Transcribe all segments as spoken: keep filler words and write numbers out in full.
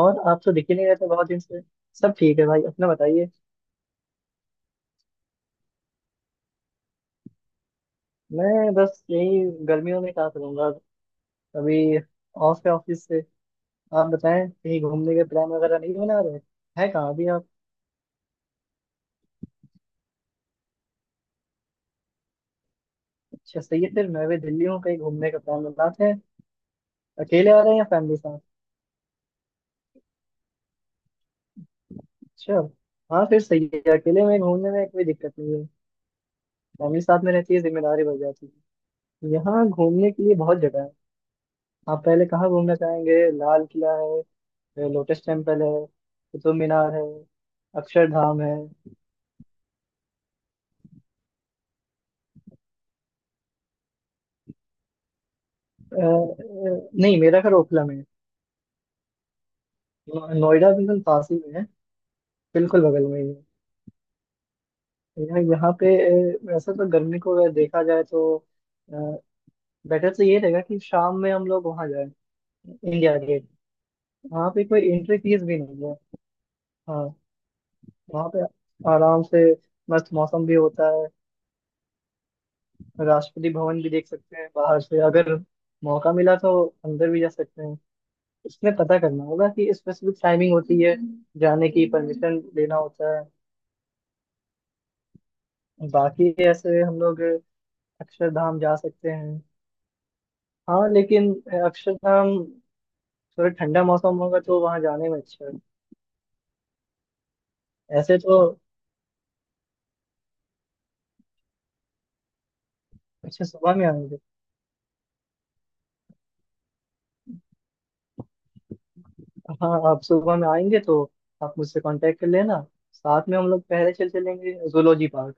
और आप तो दिख ही नहीं रहे थे बहुत दिन से। सब ठीक है भाई, अपना बताइए। मैं बस यही, गर्मियों में कहाँ करूंगा अभी, ऑफ है ऑफिस से। आप बताएं, कहीं घूमने के प्लान वगैरह नहीं बना रहे? है कहाँ अभी आप? अच्छा सही है, फिर मैं भी दिल्ली हूँ, कहीं घूमने का प्लान बनाते हैं। अकेले आ रहे हैं या फैमिली साथ? अच्छा। हाँ फिर सही है, अकेले में घूमने में कोई दिक्कत नहीं है। फैमिली साथ में रहती है जिम्मेदारी बढ़ जाती है। यहाँ घूमने के लिए बहुत जगह है। आप पहले कहाँ घूमना चाहेंगे? लाल किला है, लोटस टेम्पल है, कुतुब मीनार है, अक्षरधाम है। अ, अ, नहीं मेरा घर ओखला में है। नो- नोएडा बिल्कुल पास ही में है, बिल्कुल बगल में ही है। यहाँ यहाँ पे, अ, वैसे तो गर्मी को अगर देखा जाए तो बेटर तो ये रहेगा कि शाम में हम लोग वहाँ जाए, इंडिया गेट। वहाँ पे कोई एंट्री फीस भी नहीं है। हाँ, वहाँ पे आराम से मस्त मौसम भी होता है। राष्ट्रपति भवन भी देख सकते हैं बाहर से, अगर मौका मिला तो अंदर भी जा सकते हैं। इसमें पता करना होगा कि स्पेसिफिक टाइमिंग होती है, जाने की परमिशन लेना होता है। बाकी ऐसे हम लोग अक्षरधाम जा सकते हैं। हाँ लेकिन अक्षरधाम थोड़ा ठंडा मौसम होगा तो वहाँ जाने में अच्छा है। ऐसे तो अच्छा, सुबह में आएंगे। हाँ आप सुबह में आएंगे तो आप मुझसे कांटेक्ट कर लेना, साथ में हम लोग पहले चल चलेंगे जूलॉजी पार्क।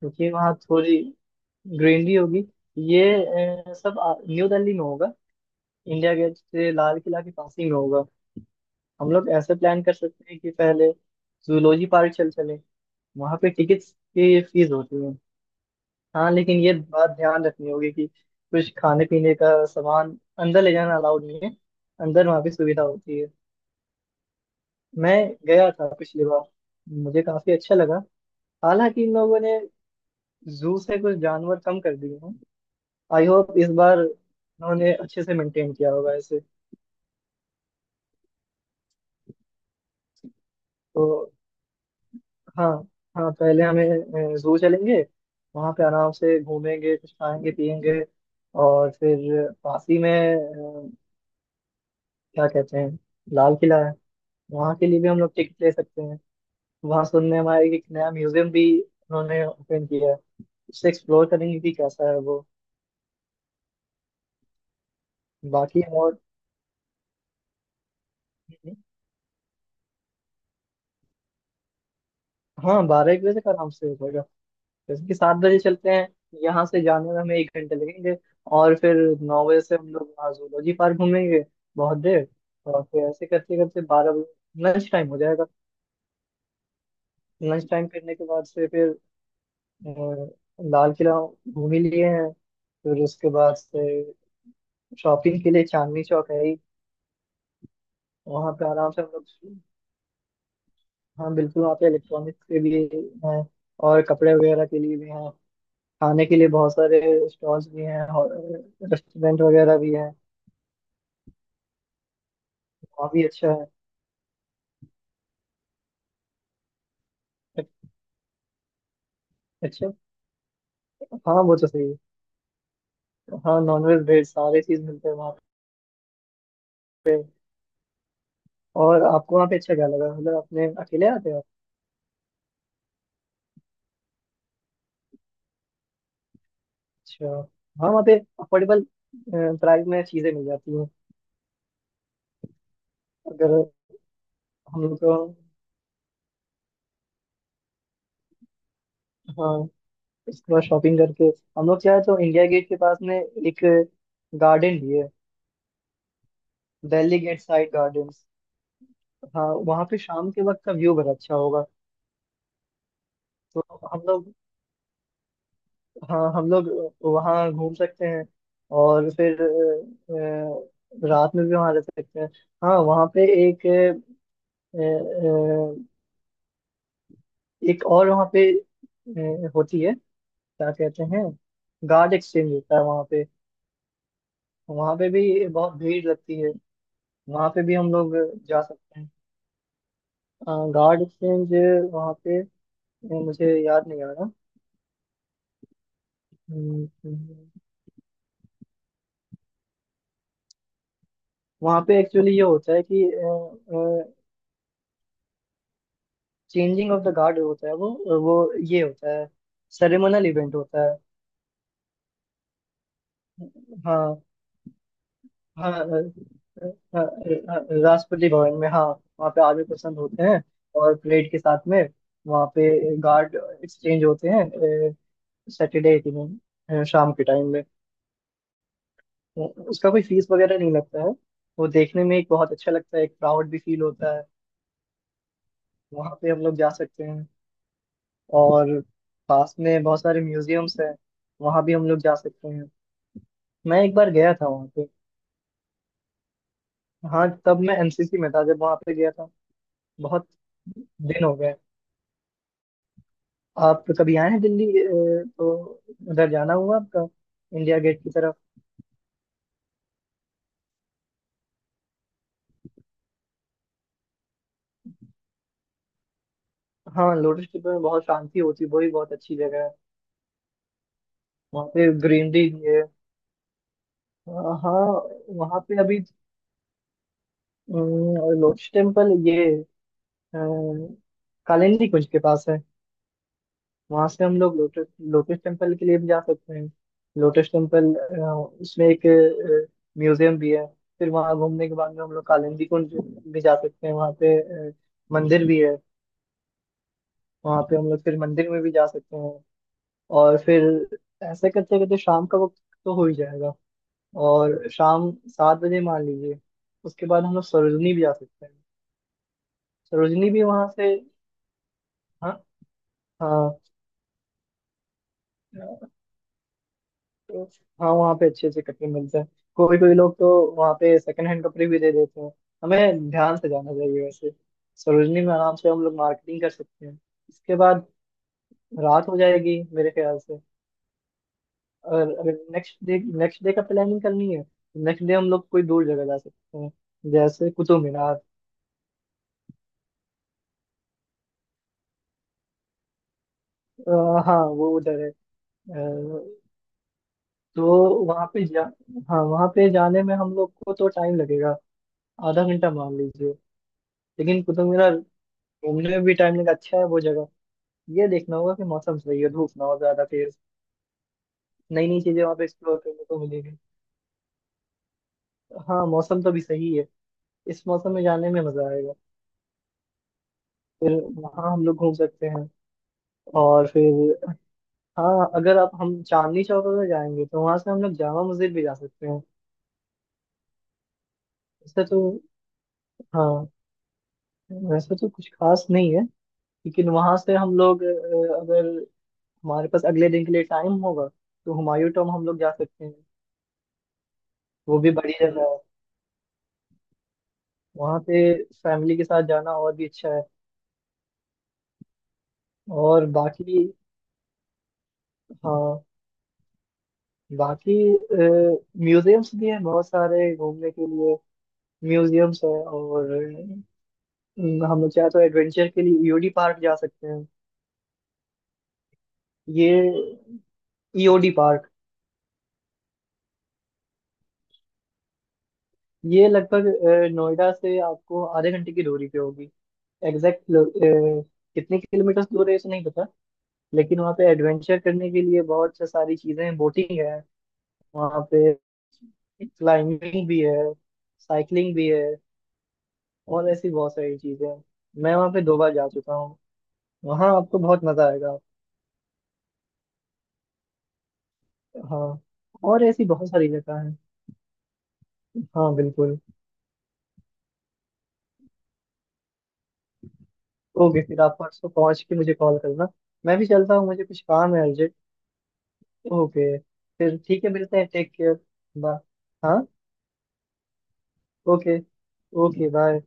क्योंकि वहाँ थोड़ी ग्रीनरी होगी, ये, अ, सब आ- न्यू दिल्ली में होगा, इंडिया गेट से लाल किला के पास ही में होगा। हम लोग ऐसे प्लान कर सकते हैं कि पहले जूलॉजी पार्क चल चले। वहां पे टिकट्स की फीस होती है। हाँ लेकिन ये बात ध्यान रखनी होगी कि कुछ खाने पीने का सामान अंदर ले जाना अलाउड नहीं है, अंदर वहाँ पे सुविधा होती है। मैं गया था पिछली बार, मुझे काफी अच्छा लगा। हालांकि इन लोगों ने जू से कुछ जानवर कम कर दिए हैं, आई होप इस बार उन्होंने अच्छे से मेंटेन किया होगा इसे। तो हाँ, हाँ पहले हमें जू चलेंगे, वहाँ पे आराम से घूमेंगे, कुछ खाएंगे पियेंगे। और फिर पास ही में, अ, क्या कहते हैं, लाल किला है, वहाँ के लिए भी हम लोग टिकट ले सकते हैं। वहाँ सुनने में आया कि एक नया म्यूजियम भी उन्होंने ओपन किया है, उससे एक्सप्लोर करेंगे कि कैसा है वो। बाकी और, हाँ बारह एक बजे तक आराम से हो जाएगा। जैसे कि सात बजे चलते हैं, यहाँ से जाने में हमें एक घंटे लगेंगे, और फिर नौ बजे से हम लोग वहाँ जूलॉजी पार्क घूमेंगे बहुत देर। और फिर ऐसे करते करते बारह बजे लंच टाइम हो जाएगा। लंच टाइम करने के बाद से फिर अ, लाल किला घूम ही लिए हैं, फिर उसके बाद से शॉपिंग के लिए चांदनी चौक है ही। वहाँ पे आराम से हम लोग, हाँ बिल्कुल वहाँ पे इलेक्ट्रॉनिक्स के भी हैं और कपड़े वगैरह के लिए भी हैं, खाने के लिए बहुत सारे स्टॉल्स भी हैं और रेस्टोरेंट वगैरह भी हैं। वहाँ भी अच्छा है। अ- अच्छा। हाँ वो तो सही है, हाँ नॉनवेज वेज सारे चीज मिलते हैं वहाँ पे। और आपको वहाँ पे अच्छा क्या लगा, मतलब आपने अकेले आते हो आप? अच्छा। हाँ वहाँ पे अफोर्डेबल प्राइस में चीजें मिल जाती हैं, अगर हम लोग को। हाँ उसके बाद शॉपिंग करके हम लोग क्या है तो इंडिया गेट के पास में एक गार्डन भी है, दिल्ली गेट साइड गार्डन। हाँ वहाँ पे शाम के वक्त का व्यू बड़ा अच्छा होगा। तो हम लोग, हाँ हम लोग वहाँ घूम सकते हैं। और फिर अ, अ, रात में भी वहाँ रह सकते हैं। हाँ वहाँ पे एक अ, अ, एक और वहाँ पे अ, होती है, क्या कहते हैं, गार्ड एक्सचेंज होता है वहाँ पे। वहाँ पे भी बहुत भीड़ लगती है, वहाँ पे भी हम लोग जा सकते हैं। गार्ड एक्सचेंज वहाँ पे, अ, मुझे याद नहीं आ रहा। हम्म, हम्म। हम्म। वहाँ पे एक्चुअली ये होता है कि चेंजिंग ऑफ द गार्ड होता है, वो वो ये होता है, सेरेमोनियल इवेंट होता है। हाँ, हाँ अ, अ, अ, राष्ट्रपति भवन में, हाँ वहाँ पे आर्मी पर्सन होते हैं और परेड के साथ में वहाँ पे गार्ड एक्सचेंज होते हैं। सैटरडे के दिन, अ, शाम के टाइम में, अ, उसका कोई फीस वगैरह नहीं लगता है। वो देखने में एक बहुत अच्छा लगता है, एक प्राउड भी फील होता है। वहाँ पे हम लोग जा सकते हैं। और पास में बहुत सारे म्यूजियम्स हैं, वहाँ भी हम लोग जा सकते हैं। मैं एक बार गया था वहां पे। हाँ तब मैं एन सी सी में था जब वहां पे गया था, बहुत दिन हो गए। आप कभी आए हैं दिल्ली, अ, तो उधर जाना हुआ आपका, इंडिया गेट की तरफ? हाँ लोटस टेम्पल में बहुत शांति होती है, वो भी बहुत अच्छी जगह है। वहाँ पे ग्रीनरी भी है। अ, हाँ वहाँ पे अभी, अम, लोटस टेम्पल ये अ, कालिंदी कुंज के पास है। वहां से हम लोग लोटस लोटस टेम्पल के लिए भी जा सकते हैं। लोटस टेम्पल, उसमें एक म्यूजियम भी है। फिर वहां घूमने के बाद में हम लोग कालिंदी कुंज भी जा सकते हैं, वहां पे अ, मंदिर भी है। वहां पे हम लोग फिर मंदिर में भी जा सकते हैं। और फिर ऐसे करते करते शाम का वक्त तो हो ही जाएगा, और शाम सात बजे मान लीजिए उसके बाद हम लोग सरोजनी भी जा सकते हैं। सरोजनी भी वहां से, हाँ। हाँ तो हाँ वहाँ पे अच्छे अच्छे कपड़े मिलते हैं। कोई कोई लोग तो वहाँ पे सेकंड हैंड कपड़े भी दे देते हैं, हमें ध्यान से जाना चाहिए वैसे। सरोजनी में आराम से हम लोग मार्केटिंग कर सकते हैं। इसके बाद रात हो जाएगी मेरे ख्याल से। और अगर नेक्स्ट डे नेक्स्ट डे का प्लानिंग करनी है, नेक्स्ट डे हम लोग कोई दूर जगह जा सकते हैं, जैसे कुतुब मीनार। अ, हाँ वो उधर है। अ, तो वहाँ पे जा, हाँ वहाँ पे जाने में हम लोग को तो टाइम लगेगा, आधा घंटा मान लीजिए। लेकिन कुतुब मीनार घूमने में भी टाइम लगा, अच्छा है वो जगह। ये देखना होगा कि मौसम सही है, धूप ना हो ज्यादा तेज। नई नई चीजें वहाँ पे एक्सप्लोर करने को मिलेगी। हाँ मौसम तो भी सही है, इस मौसम में जाने में मजा आएगा। फिर वहाँ हम लोग घूम सकते हैं। और फिर हाँ, अगर आप हम चांदनी चौक अगर जाएंगे तो वहां से हम लोग जामा मस्जिद भी जा सकते हैं। वैसे तो, हाँ वैसे तो कुछ खास नहीं है। लेकिन वहां से हम लोग, अ, अगर हमारे पास अगले दिन के लिए टाइम होगा तो हुमायूं टॉम हम लोग जा सकते हैं। वो भी बड़ी जगह है, वहाँ पे फैमिली के साथ जाना और भी अच्छा है। और बाकी, हाँ बाकी म्यूजियम्स भी हैं बहुत सारे घूमने के लिए। म्यूजियम्स हैं और अ, हम लोग चाहे तो एडवेंचर के लिए ई ओ डी पार्क जा सकते हैं। ये ई ओ डी पार्क ये लगभग अ, नोएडा से आपको आधे घंटे की दूरी पे होगी। एग्जैक्ट कितने किलोमीटर दूर है ये तो नहीं पता। लेकिन वहाँ पे एडवेंचर करने के लिए बहुत से सारी चीज़ें हैं, बोटिंग है वहाँ पे, क्लाइंबिंग भी है, साइकिलिंग भी है, और ऐसी बहुत सारी चीजें हैं। मैं वहाँ पे दो बार जा चुका हूँ, वहाँ आपको बहुत मजा आएगा। हाँ। और ऐसी बहुत सारी जगह है, हाँ बिल्कुल। ओके, फिर आप परसों पहुँच के मुझे कॉल करना। मैं भी चलता हूँ, मुझे कुछ काम है अर्जेंट। ओके। फिर ठीक है, मिलते हैं, टेक केयर। बाय। हाँ। ओके। Okay bye.